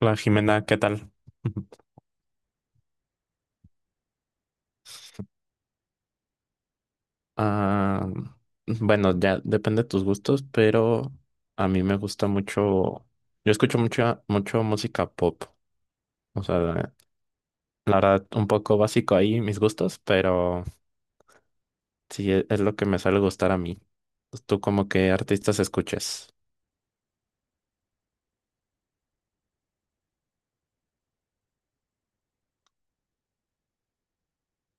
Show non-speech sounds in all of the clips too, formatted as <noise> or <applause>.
Hola Jimena, ¿qué tal? <laughs> Ah, bueno, ya depende de tus gustos, pero a mí me gusta mucho, yo escucho mucho música pop, o sea, la verdad, un poco básico ahí mis gustos, pero sí es lo que me suele gustar a mí. ¿Tú como qué artistas escuchas?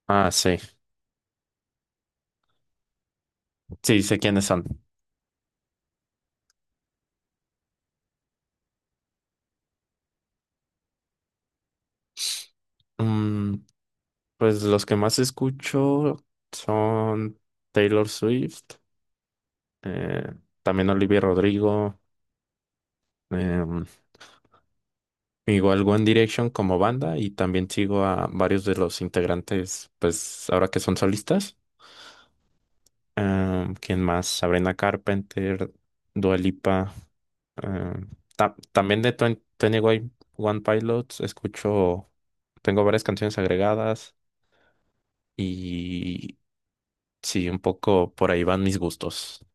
Ah, sí, sí, sé quiénes son. Mm, pues los que más escucho son Taylor Swift, eh, también Olivia Rodrigo. Em, igual One Direction como banda y también sigo a varios de los integrantes, pues ahora que son solistas. ¿Quién más? Sabrina Carpenter, Dua Lipa. em, también de 21 One Pilots escucho, tengo varias canciones agregadas y sí, un poco por ahí van mis gustos.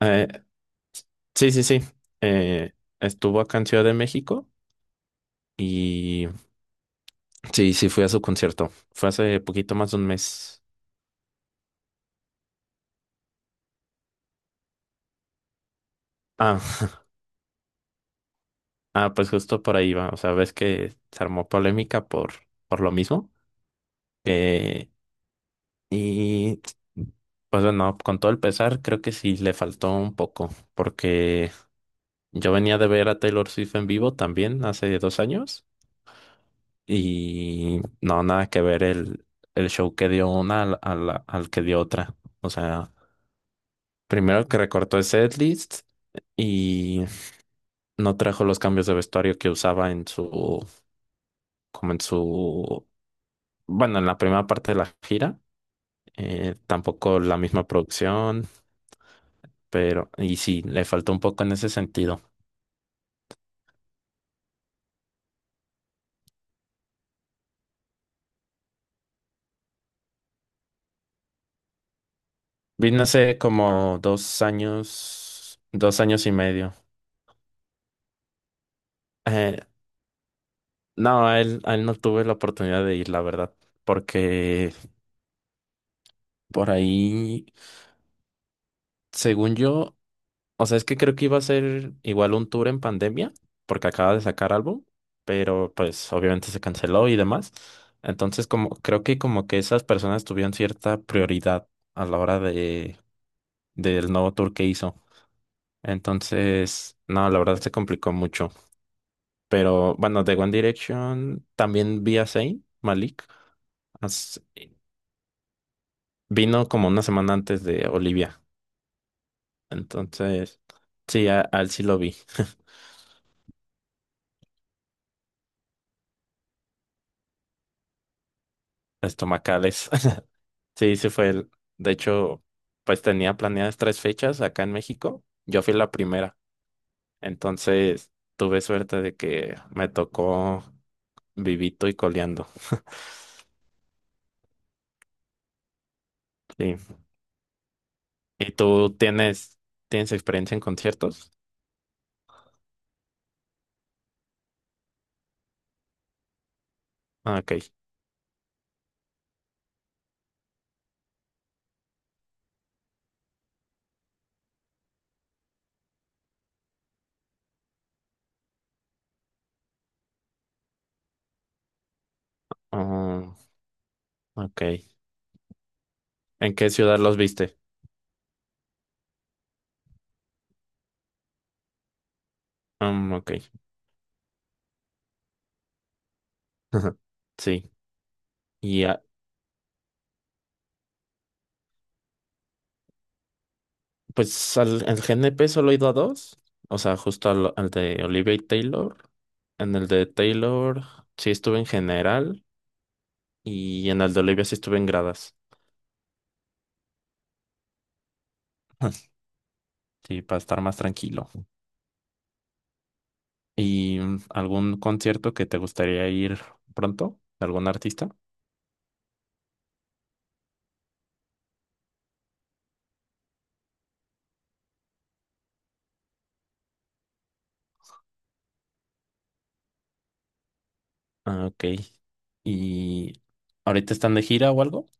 Eh, sí, sí, sí. eh, estuvo acá en Ciudad de México. Y sí, sí, fui a su concierto. Fue hace poquito más de un mes. Ah, pues justo por ahí va. O sea, ves que se armó polémica por lo mismo. Eh, y pues bueno, con todo el pesar, creo que sí le faltó un poco. Porque yo venía de ver a Taylor Swift en vivo también hace 2 años. Y no, nada que ver el show que dio una al que dio otra. O sea, primero que recortó el setlist. Y no trajo los cambios de vestuario que usaba en su, como en su, bueno, en la primera parte de la gira, tampoco la misma producción, pero, y sí, le faltó un poco en ese sentido. Vino hace como 2 años, 2 años y medio. Eh, no, a él no tuve la oportunidad de ir, la verdad, porque por ahí, según yo, o sea, es que creo que iba a ser igual un tour en pandemia, porque acaba de sacar álbum, pero pues obviamente se canceló y demás. Entonces, como creo que como que esas personas tuvieron cierta prioridad a la hora de del nuevo tour que hizo. Entonces, no, la verdad se complicó mucho. Pero bueno, de One Direction también vi a Zayn Malik. as- Vino como una semana antes de Olivia. Entonces, sí, a él sí lo vi. Estomacales. Sí, sí fue él. De hecho, pues tenía planeadas tres fechas acá en México. Yo fui la primera. Entonces, tuve suerte de que me tocó vivito y coleando. Sí. ¿Y tú tienes experiencia en conciertos? Ah, ok. Ah, ok. ¿En qué ciudad los viste? Ok. <laughs> Sí. Y pues al GNP solo he ido a dos. O sea, justo al de Olivia y Taylor. En el de Taylor sí estuve en general. Y en el de Olivia sí estuve en gradas. <laughs> Sí, para estar más tranquilo. ¿Y algún concierto que te gustaría ir pronto? ¿De algún artista? Ah, ok. ¿Y ahorita están de gira o algo?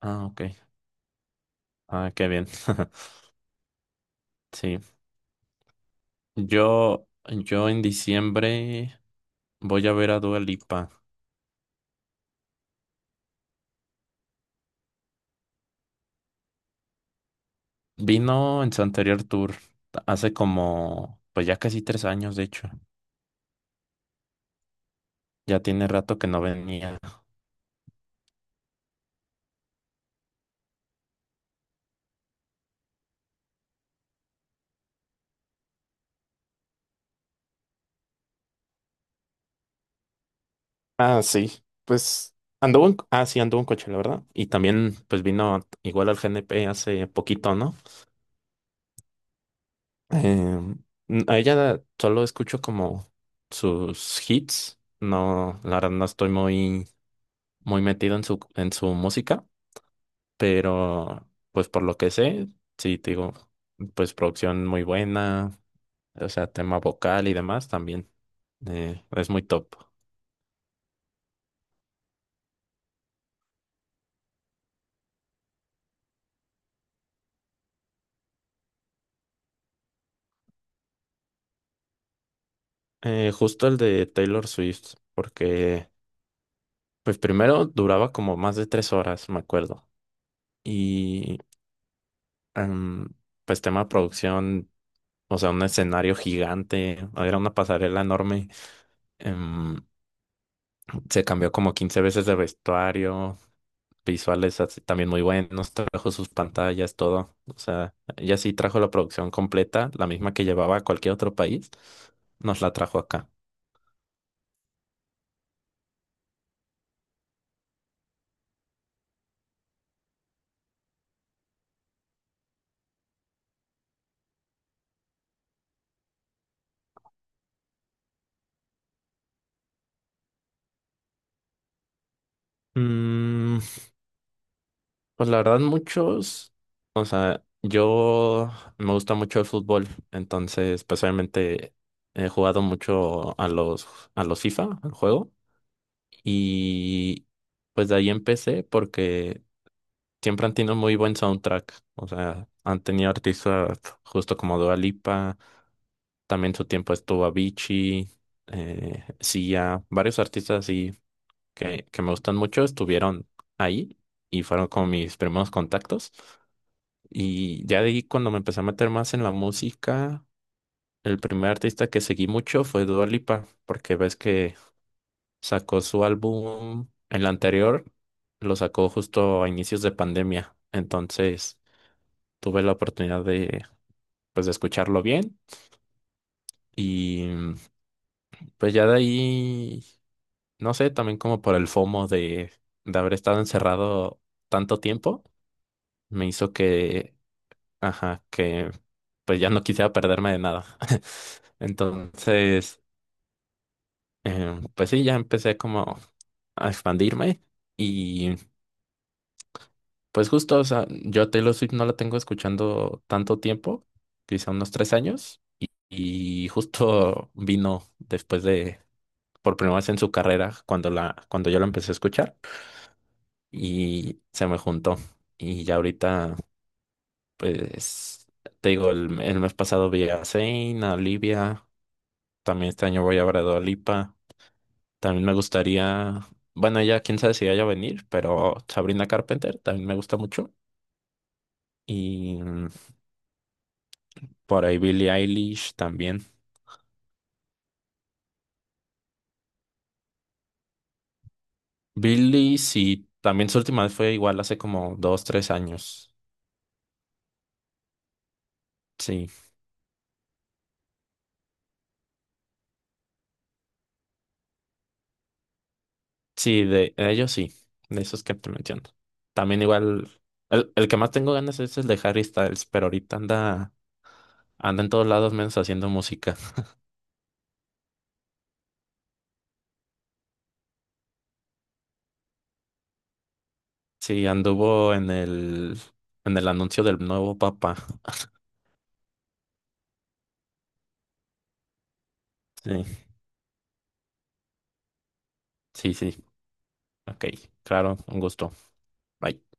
Ah, ok. Ah, qué bien. <laughs> Sí. Yo, yo en diciembre voy a ver a Dua Lipa. Vino en su anterior tour, hace como, pues ya casi 3 años, de hecho. Ya tiene rato que no venía. Ah, sí, pues anduvo en, sí, anduvo en coche, la verdad. Y también, pues vino igual al GNP hace poquito, ¿no? Em, a ella solo escucho como sus hits. No, la verdad no estoy muy, muy metido en su música, pero pues por lo que sé, sí, te digo, pues producción muy buena, o sea, tema vocal y demás también. Es muy top. Justo el de Taylor Swift, porque pues primero duraba como más de 3 horas, me acuerdo. Y em, pues tema de producción, o sea, un escenario gigante, era una pasarela enorme. Em, se cambió como 15 veces de vestuario, visuales así también muy buenos, trajo sus pantallas, todo. O sea, ella sí trajo la producción completa, la misma que llevaba a cualquier otro país, nos la trajo acá. Mm, Pues la verdad, muchos, o sea, yo me gusta mucho el fútbol, entonces, pues obviamente he jugado mucho a los, FIFA, al juego, y pues de ahí empecé porque siempre han tenido muy buen soundtrack, o sea, han tenido artistas justo como Dua Lipa, también su tiempo estuvo Avicii, Sia, varios artistas así que me gustan mucho estuvieron ahí y fueron como mis primeros contactos. Y ya de ahí cuando me empecé a meter más en la música, el primer artista que seguí mucho fue Dua Lipa, porque ves que sacó su álbum, el anterior, lo sacó justo a inicios de pandemia. Entonces tuve la oportunidad de, pues, de escucharlo bien y pues ya de ahí, no sé, también como por el FOMO de haber estado encerrado tanto tiempo, me hizo que ajá, que pues ya no quisiera perderme de nada. <laughs> Entonces, pues sí, ya empecé como a expandirme y pues justo, o sea, yo a Taylor Swift no la tengo escuchando tanto tiempo, quizá unos 3 años, y justo <laughs> vino después de, por primera vez en su carrera, cuando yo la empecé a escuchar y se me juntó. Y ya ahorita, pues, te digo, el mes pasado vi a Zayn, a Olivia. También este año voy a ver a Dua Lipa. También me gustaría, bueno, ya quién sabe si vaya a venir, pero Sabrina Carpenter también me gusta mucho. Y por ahí Billie Eilish también. Billie, sí, también su última vez fue igual hace como 2, 3 años. Sí, sí, de ellos sí, de esos que te menciono. También igual, el que más tengo ganas es el de Harry Styles, pero ahorita anda en todos lados menos haciendo música. Sí, anduvo en el anuncio del nuevo Papa. Sí. Sí, sí. Ok, claro, un gusto. Bye.